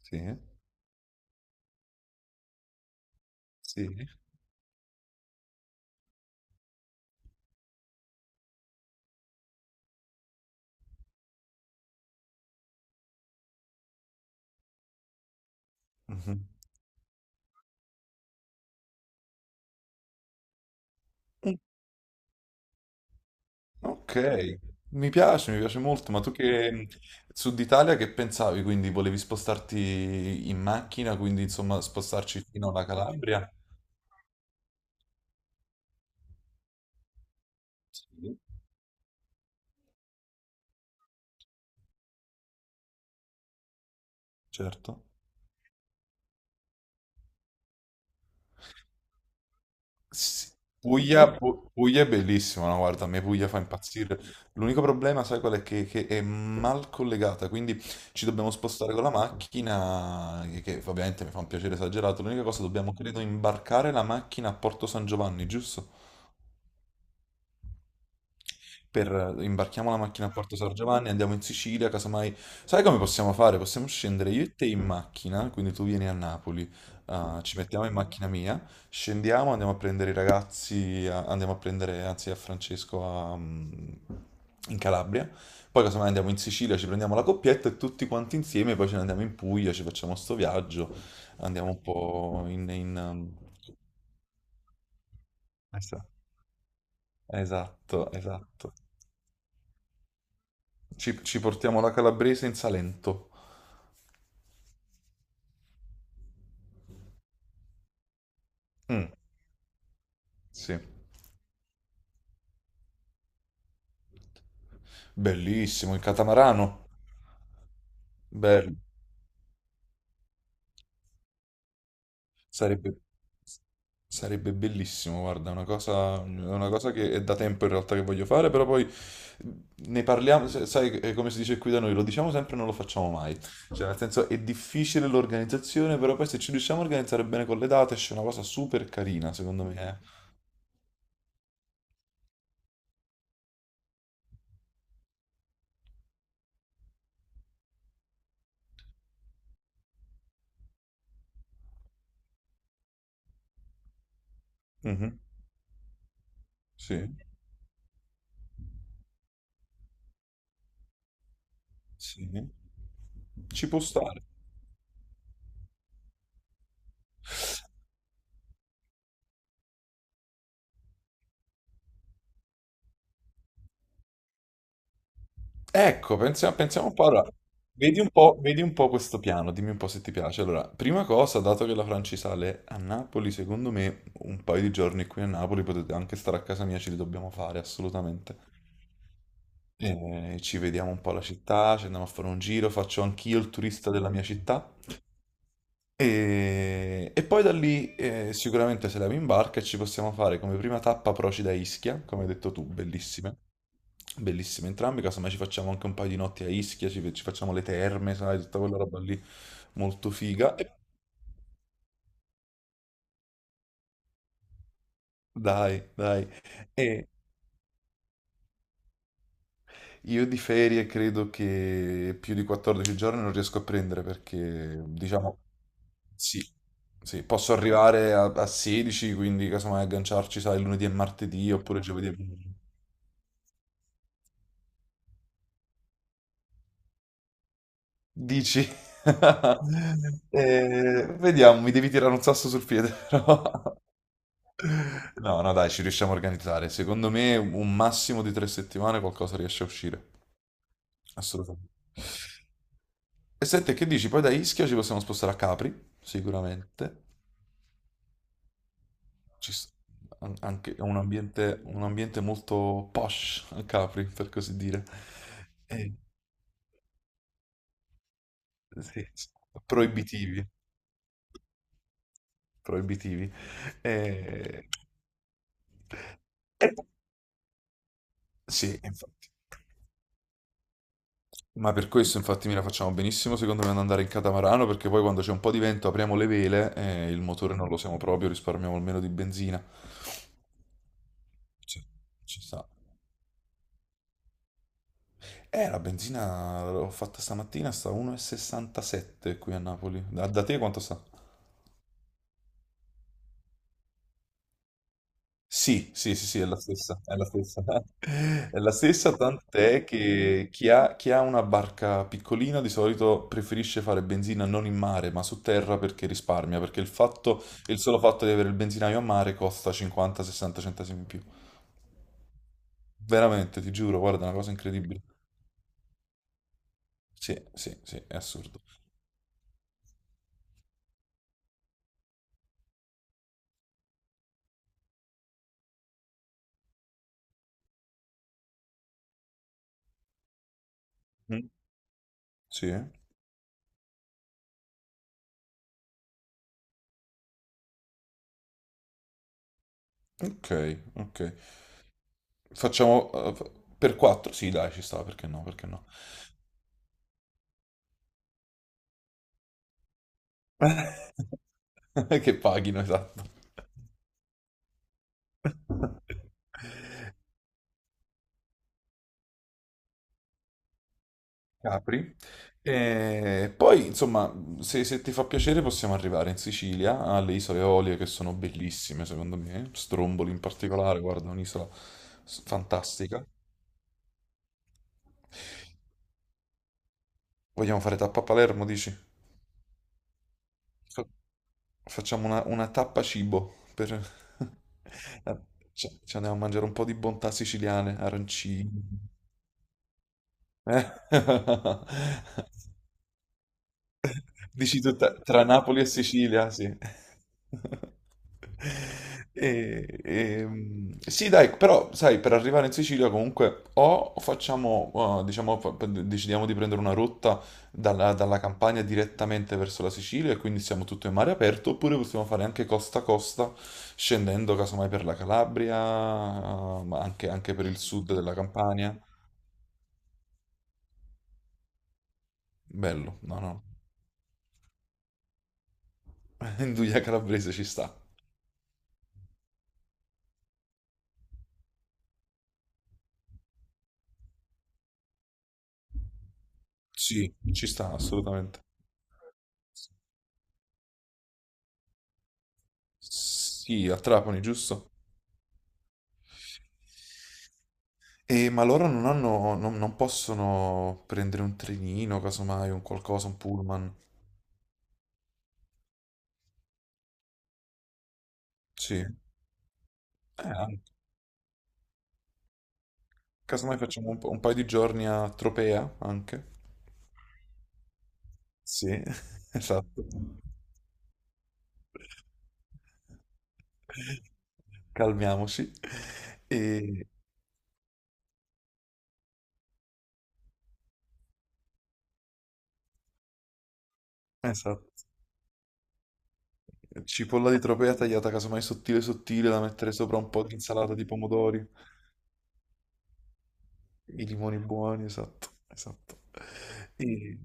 Sì, sì. Mhm. Ok, mi piace molto, ma tu che Sud Italia che pensavi? Quindi volevi spostarti in macchina, quindi insomma spostarci fino alla Calabria? Sì, certo. Sì. Puglia è bellissima, no? Guarda, a me Puglia fa impazzire. L'unico problema, sai qual è? Che è mal collegata, quindi ci dobbiamo spostare con la macchina, che ovviamente mi fa un piacere esagerato. L'unica cosa, dobbiamo credo imbarcare la macchina a Porto San Giovanni, giusto? Imbarchiamo la macchina a Porto San Giovanni, andiamo in Sicilia, casomai. Sai come possiamo fare? Possiamo scendere io e te in macchina, quindi tu vieni a Napoli, ah, ci mettiamo in macchina mia, scendiamo, andiamo a prendere i ragazzi, andiamo a prendere, anzi, a Francesco a, in Calabria, poi casomai andiamo in Sicilia, ci prendiamo la coppietta e tutti quanti insieme, poi ce ne andiamo in Puglia, ci facciamo sto viaggio, andiamo un po'. Esatto, esatto. Esatto. Ci portiamo la calabrese in Salento. Mm, sì, bellissimo il catamarano. Bello, sarebbe, sarebbe bellissimo. Guarda, è una cosa che è da tempo in realtà che voglio fare, però poi ne parliamo. Sai, è come si dice qui da noi, lo diciamo sempre e non lo facciamo mai. Cioè, nel senso, è difficile l'organizzazione, però poi se ci riusciamo a organizzare bene con le date, esce una cosa super carina, secondo me. Eh. Mhm, sì, sì, ci può stare. Ecco, pensiamo, pensiamo un po'. Allora, vedi un po' questo piano, dimmi un po' se ti piace. Allora, prima cosa, dato che la Franci sale a Napoli, secondo me un paio di giorni qui a Napoli potete anche stare a casa mia, ce li dobbiamo fare assolutamente. E ci vediamo un po' la città, ci andiamo a fare un giro, faccio anch'io il turista della mia città. E poi da lì sicuramente se la in barca e ci possiamo fare come prima tappa Procida e Ischia, come hai detto tu, bellissime. Bellissime entrambe, casomai ci facciamo anche un paio di notti a Ischia, ci facciamo le terme, sai, tutta quella roba lì molto figa. Dai, dai. E io di ferie credo che più di 14 giorni non riesco a prendere perché, diciamo, sì, sì, posso arrivare a 16, quindi casomai agganciarci, sai, lunedì e martedì oppure giovedì e venerdì. Dici? Vediamo, mi devi tirare un sasso sul piede, però. No, no, dai, ci riusciamo a organizzare. Secondo me un massimo di 3 settimane qualcosa riesce a uscire. Assolutamente. E senti, che dici? Poi da Ischia ci possiamo spostare a Capri, sicuramente. Ci s- anche è un ambiente molto posh a Capri, per così dire. Eh, sì, sì. Proibitivi, proibitivi. Eh, e- sì, infatti. Ma per questo infatti me la facciamo benissimo secondo me ad andare in catamarano perché poi quando c'è un po' di vento apriamo le vele e il motore non lo usiamo proprio, risparmiamo almeno di benzina. Sì, ci sta. La benzina l'ho fatta stamattina, sta 1,67 qui a Napoli. Da te quanto sta? Sì, sì, sì, sì, è la stessa, è la stessa. È la stessa, tant'è che chi ha una barca piccolina di solito preferisce fare benzina non in mare, ma su terra perché risparmia, perché il fatto, il solo fatto di avere il benzinaio a mare costa 50-60 centesimi in più. Veramente, ti giuro, guarda, è una cosa incredibile. Sì, sì, sì, è assurdo. Mm. Sì, eh? Ok, ok. Facciamo per 4? Sì, dai, ci sta, perché no, perché no? Che paghino, esatto. Capri. E poi, insomma, se ti fa piacere possiamo arrivare in Sicilia, alle isole Eolie che sono bellissime, secondo me. Stromboli in particolare, guarda, è un'isola fantastica. Vogliamo fare tappa a Palermo, dici? Fa- Facciamo una tappa cibo per. Eh, ci andiamo a mangiare un po' di bontà siciliane, arancini. Eh? Dici tu tra Napoli e Sicilia, sì. Sì, dai, però sai, per arrivare in Sicilia comunque o facciamo, diciamo, decidiamo di prendere una rotta dalla Campania direttamente verso la Sicilia e quindi siamo tutto in mare aperto, oppure possiamo fare anche costa a costa, scendendo casomai per la Calabria, ma anche per il sud della Campania. Bello, no, no. Induja calabrese ci sta. Sì, ci sta assolutamente. Sì, a Trapani, giusto? E, ma loro non hanno, non possono prendere un trenino, casomai, un qualcosa, un pullman. Sì. Anche. Casomai facciamo un paio di giorni a Tropea anche. Sì, esatto. Calmiamoci. E, esatto. Cipolla di Tropea tagliata casomai sottile sottile da mettere sopra un po' di insalata di pomodori. I limoni buoni, esatto, esatto. E-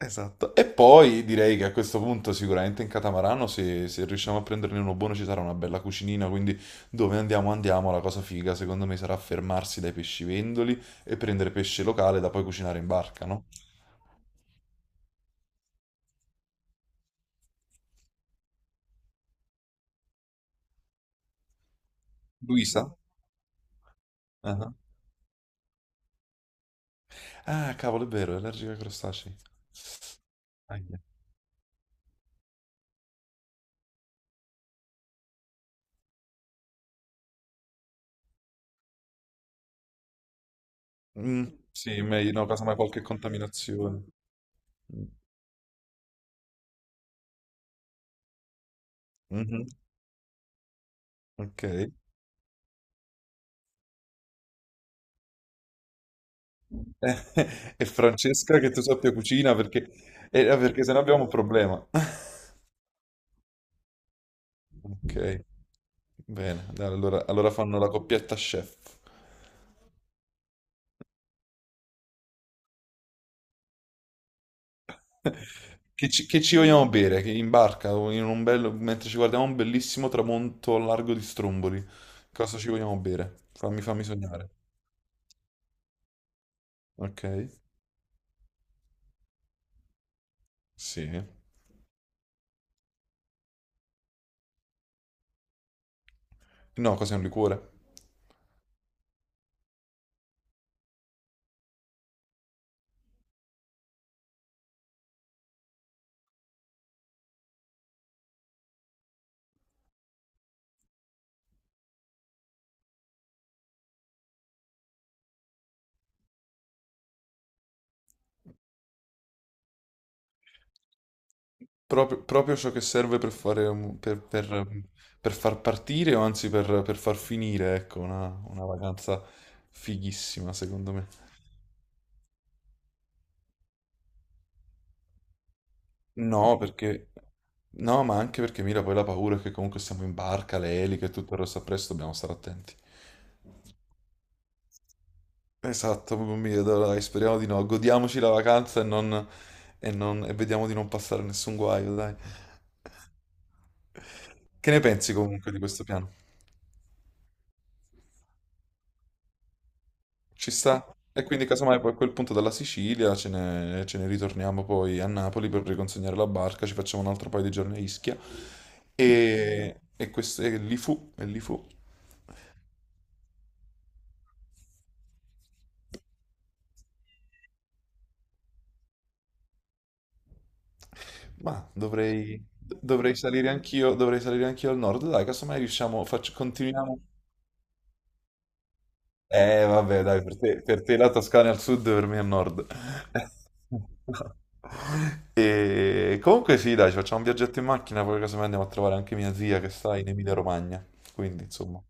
Esatto, e poi direi che a questo punto sicuramente in catamarano se riusciamo a prenderne uno buono ci sarà una bella cucinina, quindi dove andiamo andiamo, la cosa figa secondo me sarà fermarsi dai pescivendoli e prendere pesce locale da poi cucinare in barca, no? Luisa? Ah, ah, cavolo, è vero, è allergica ai crostacei. Ahia. Mm, sì, meglio, no, casomai qualche contaminazione. Mm, mhm, ok. E Francesca che tu sappia cucina perché se no abbiamo un problema. Ok. Bene, dai, allora, fanno la coppietta chef. Che ci vogliamo bere? Che in barca, o mentre ci guardiamo un bellissimo tramonto al largo di Stromboli. Cosa ci vogliamo bere? Fammi sognare. Ok? Sì. No, cos'è un liquore? Proprio ciò che serve per fare, per far partire o anzi per far finire, ecco, una vacanza fighissima, secondo me. No, no, ma anche perché Mira poi la paura è che comunque siamo in barca, le eliche e tutto il resto appresso, dobbiamo stare attenti. Esatto, proprio mi vedo, dai, speriamo di no. Godiamoci la vacanza e non. E vediamo di non passare nessun guaio, dai. Che ne pensi comunque di questo piano? Ci sta? E quindi casomai poi a quel punto dalla Sicilia ce ne ritorniamo poi a Napoli per riconsegnare la barca, ci facciamo un altro paio di giorni a Ischia. E, questo, e lì fu. Ma dovrei salire anch'io al nord, dai, casomai riusciamo, faccio, continuiamo. Vabbè, dai, per te, la Toscana è al sud, per me è al nord. E comunque sì, dai, ci facciamo un viaggetto in macchina, poi casomai andiamo a trovare anche mia zia che sta in Emilia-Romagna, quindi insomma,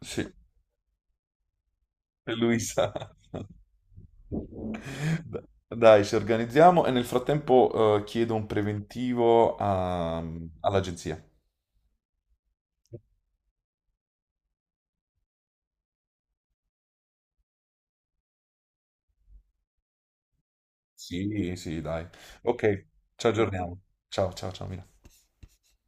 sì, e lui sa. Dai, ci organizziamo e nel frattempo chiedo un preventivo all'agenzia. Sì, sì, dai. Ok, ci aggiorniamo. Ciao, ciao, ciao, Mila.